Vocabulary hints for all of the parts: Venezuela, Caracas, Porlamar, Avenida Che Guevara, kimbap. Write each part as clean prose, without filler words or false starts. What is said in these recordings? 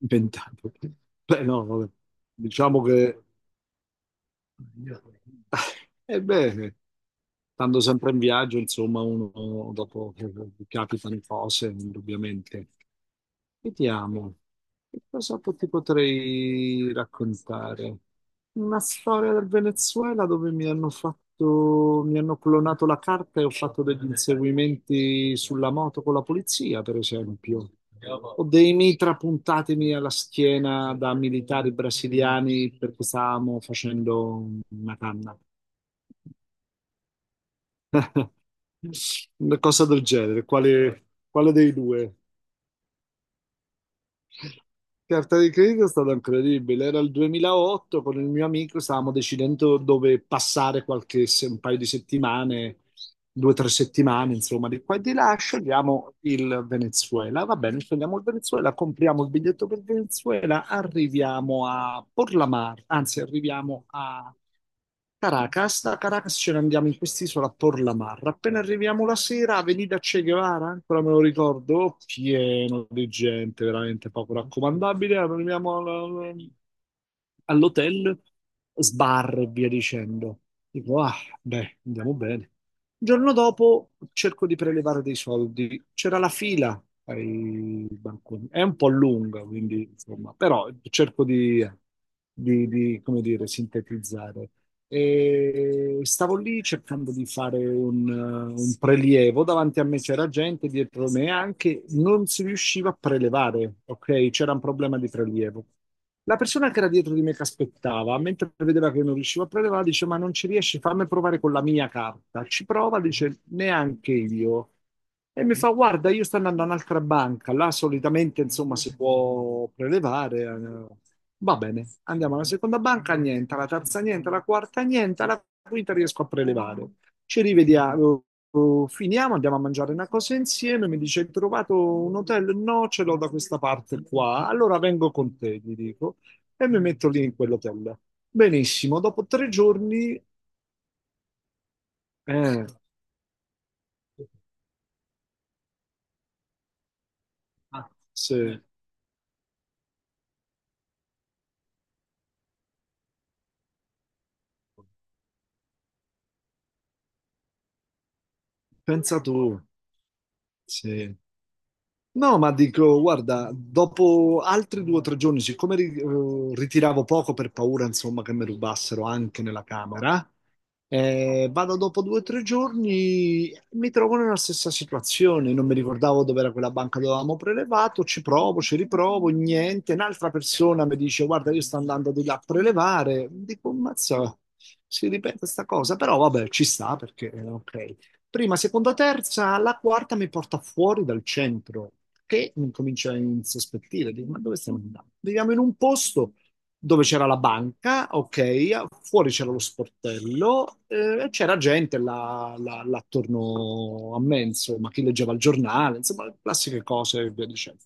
Inventato. Beh, no, vabbè. Diciamo che, ebbene, stando sempre in viaggio, insomma, uno dopo capitano cose, indubbiamente. Vediamo, che cosa po- ti potrei raccontare? Una storia del Venezuela dove mi hanno fatto, mi hanno clonato la carta e ho fatto degli inseguimenti sulla moto con la polizia, per esempio. Ho dei mitra puntatemi alla schiena da militari brasiliani perché stavamo facendo una canna. Una cosa del genere, quale, quale dei due? Carta di credito è stata incredibile. Era il 2008, con il mio amico stavamo decidendo dove passare qualche, se- un paio di settimane, due o tre settimane, insomma, di qua e di là. Scegliamo il Venezuela. Va bene, scegliamo il Venezuela, compriamo il biglietto per Venezuela, arriviamo a Porlamar, anzi, arriviamo a Caracas, da Caracas ce ne andiamo in quest'isola a Por la Marra. Appena arriviamo la sera, Avenida Che Guevara, ancora me lo ricordo, pieno di gente, veramente poco raccomandabile. Arriviamo al- all'hotel, sbar e via dicendo. Dico, ah, beh, andiamo bene. Il giorno dopo cerco di prelevare dei soldi. C'era la fila ai banconi. È un po' lunga, quindi, insomma, però cerco di, come dire, sintetizzare. E stavo lì cercando di fare un prelievo, davanti a me c'era gente, dietro me anche, non si riusciva a prelevare, ok? C'era un problema di prelievo. La persona che era dietro di me che aspettava, mentre vedeva che non riuscivo a prelevare, dice: Ma non ci riesci, fammi provare con la mia carta. Ci prova, dice: Neanche io. E mi fa, guarda, io sto andando a un'altra banca, là solitamente insomma si può prelevare. Va bene, andiamo alla seconda banca, niente, alla terza niente, alla quarta niente, alla quinta riesco a prelevare. Ci rivediamo, finiamo, andiamo a mangiare una cosa insieme, mi dice, hai trovato un hotel? No, ce l'ho da questa parte qua, allora vengo con te, gli dico, e mi metto lì in quell'hotel. Benissimo, dopo tre giorni... Eh, sì, pensa tu, sì. No, ma dico, guarda, dopo altri due o tre giorni, siccome ri- ritiravo poco per paura, insomma, che mi rubassero anche nella camera, vado dopo due o tre giorni, mi trovo nella stessa situazione, non mi ricordavo dove era quella banca dove avevamo prelevato, ci provo, ci riprovo, niente, un'altra persona mi dice, guarda, io sto andando di là a prelevare, dico, mazza, si ripete sta cosa, però vabbè, ci sta perché, ok. Prima, seconda, terza, la quarta mi porta fuori dal centro e mi comincia a insospettire. Dico, ma dove stiamo andando? Viviamo in un posto dove c'era la banca, ok, fuori c'era lo sportello, c'era gente là, là- là attorno a me, insomma, chi leggeva il giornale, insomma, classiche cose e via dicendo.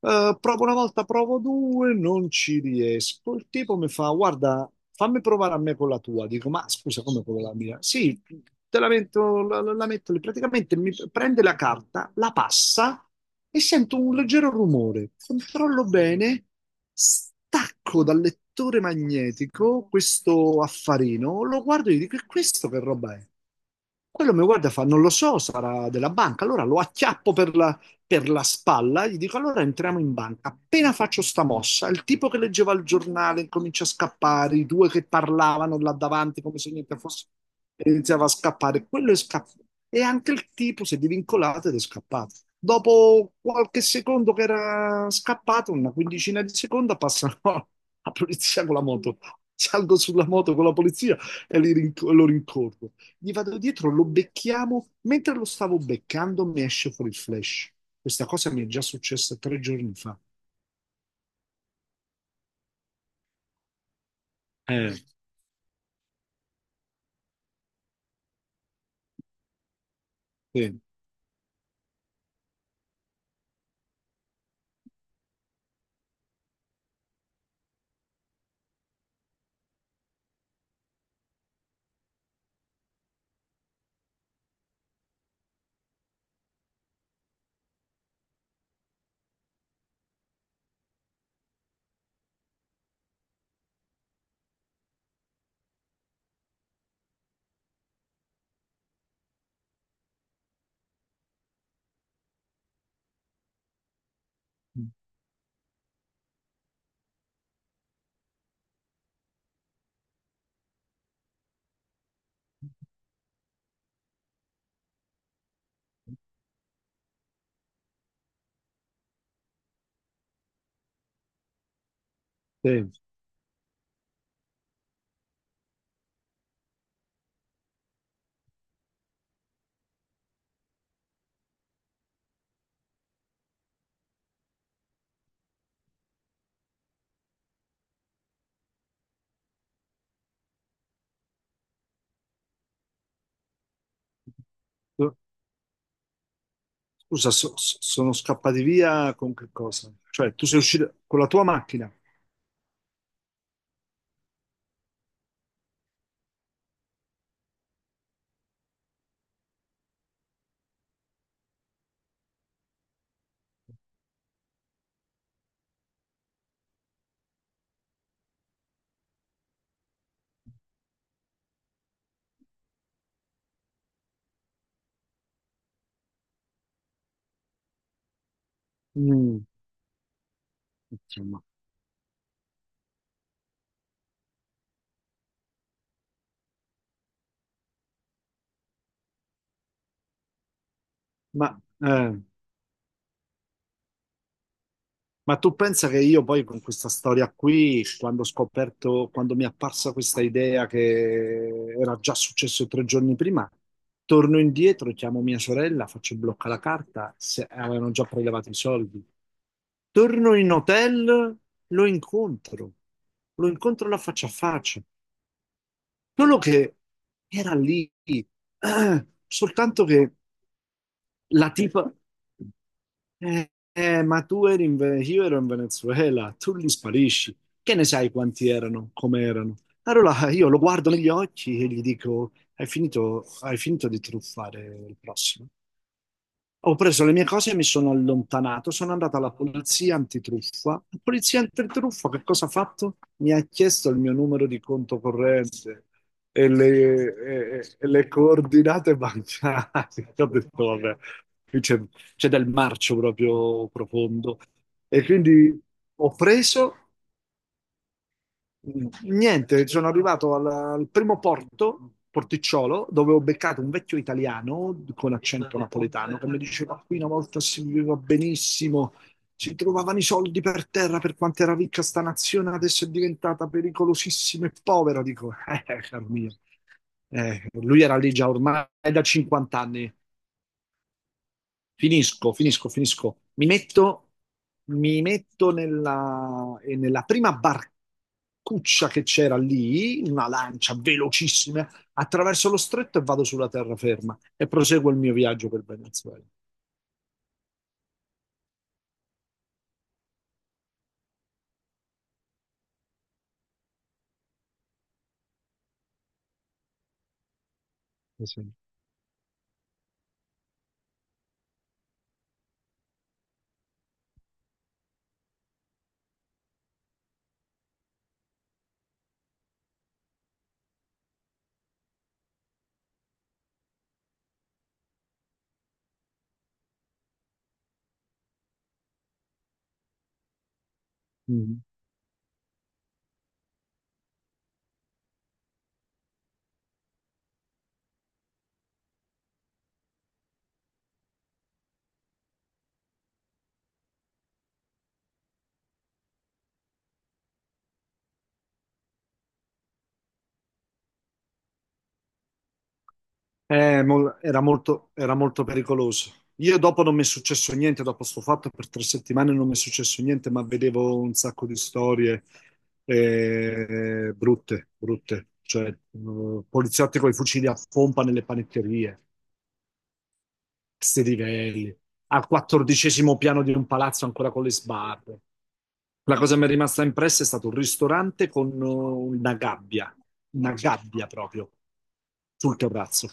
Provo una volta, provo due, non ci riesco. Il tipo mi fa: Guarda, fammi provare a me con la tua. Dico: Ma scusa, come con la mia? Sì, te la metto, la, la- la metto lì. Praticamente mi prende la carta, la passa e sento un leggero rumore. Controllo bene, stacco dal lettore magnetico questo affarino, lo guardo e gli dico: E questo che roba è? Quello mi guarda e fa: Non lo so, sarà della banca. Allora lo acchiappo per la spalla, gli dico allora entriamo in banca. Appena faccio sta mossa, il tipo che leggeva il giornale comincia a scappare, i due che parlavano là davanti come se niente fosse, iniziava a scappare, quello è scappato. E anche il tipo si è divincolato ed è scappato. Dopo qualche secondo che era scappato, una quindicina di secondi, passano la polizia con la moto. Salgo sulla moto con la polizia e li rinc- lo rincorro gli vado dietro, lo becchiamo. Mentre lo stavo beccando, mi esce fuori il flash. Questa cosa mi è già successa tre giorni fa. Eh, Sì, sì. Scusa, so- so- sono scappati via con che cosa? Cioè, tu sei uscito con la tua macchina? Mm, insomma, ma ma tu pensa che io poi con questa storia qui, quando ho scoperto, quando mi è apparsa questa idea che era già successo tre giorni prima, torno indietro, chiamo mia sorella, faccio il blocca la carta, se avevano già prelevato i soldi. Torno in hotel, lo incontro, lo incontro la faccia a faccia. Solo che era lì, soltanto che la tipa... ma tu eri in, Ve- io ero in Venezuela, tu li sparisci. Che ne sai quanti erano, come erano? Allora io lo guardo negli occhi e gli dico, hai finito di truffare il prossimo. Ho preso le mie cose e mi sono allontanato. Sono andato alla polizia antitruffa. La polizia antitruffa che cosa ha fatto? Mi ha chiesto il mio numero di conto corrente e le coordinate bancarie. Ho detto, vabbè, qui c'è c'è del marcio proprio profondo. E quindi ho preso. Mm, niente, sono arrivato al, al primo porto, Porticciolo, dove ho beccato un vecchio italiano con accento napoletano che mi diceva qui una volta si viveva benissimo, si trovavano i soldi per terra per quanto era ricca sta nazione, adesso è diventata pericolosissima e povera. Dico, caro mio, lui era lì già ormai da 50 anni. Finisco, finisco, finisco. Mi metto nella, nella prima barcuccia che c'era lì, in una lancia velocissima, attraverso lo stretto e vado sulla terraferma e proseguo il mio viaggio per Venezuela. Sì. Mm. Mol- era molto pericoloso. Io dopo non mi è successo niente, dopo sto fatto per 3 settimane non mi è successo niente, ma vedevo un sacco di storie brutte, brutte, cioè poliziotti con i fucili a pompa nelle panetterie, sti livelli, al quattordicesimo piano di un palazzo ancora con le sbarre. La cosa che mi è rimasta impressa è stato un ristorante con una gabbia proprio sul terrazzo.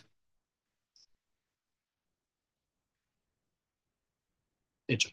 E già.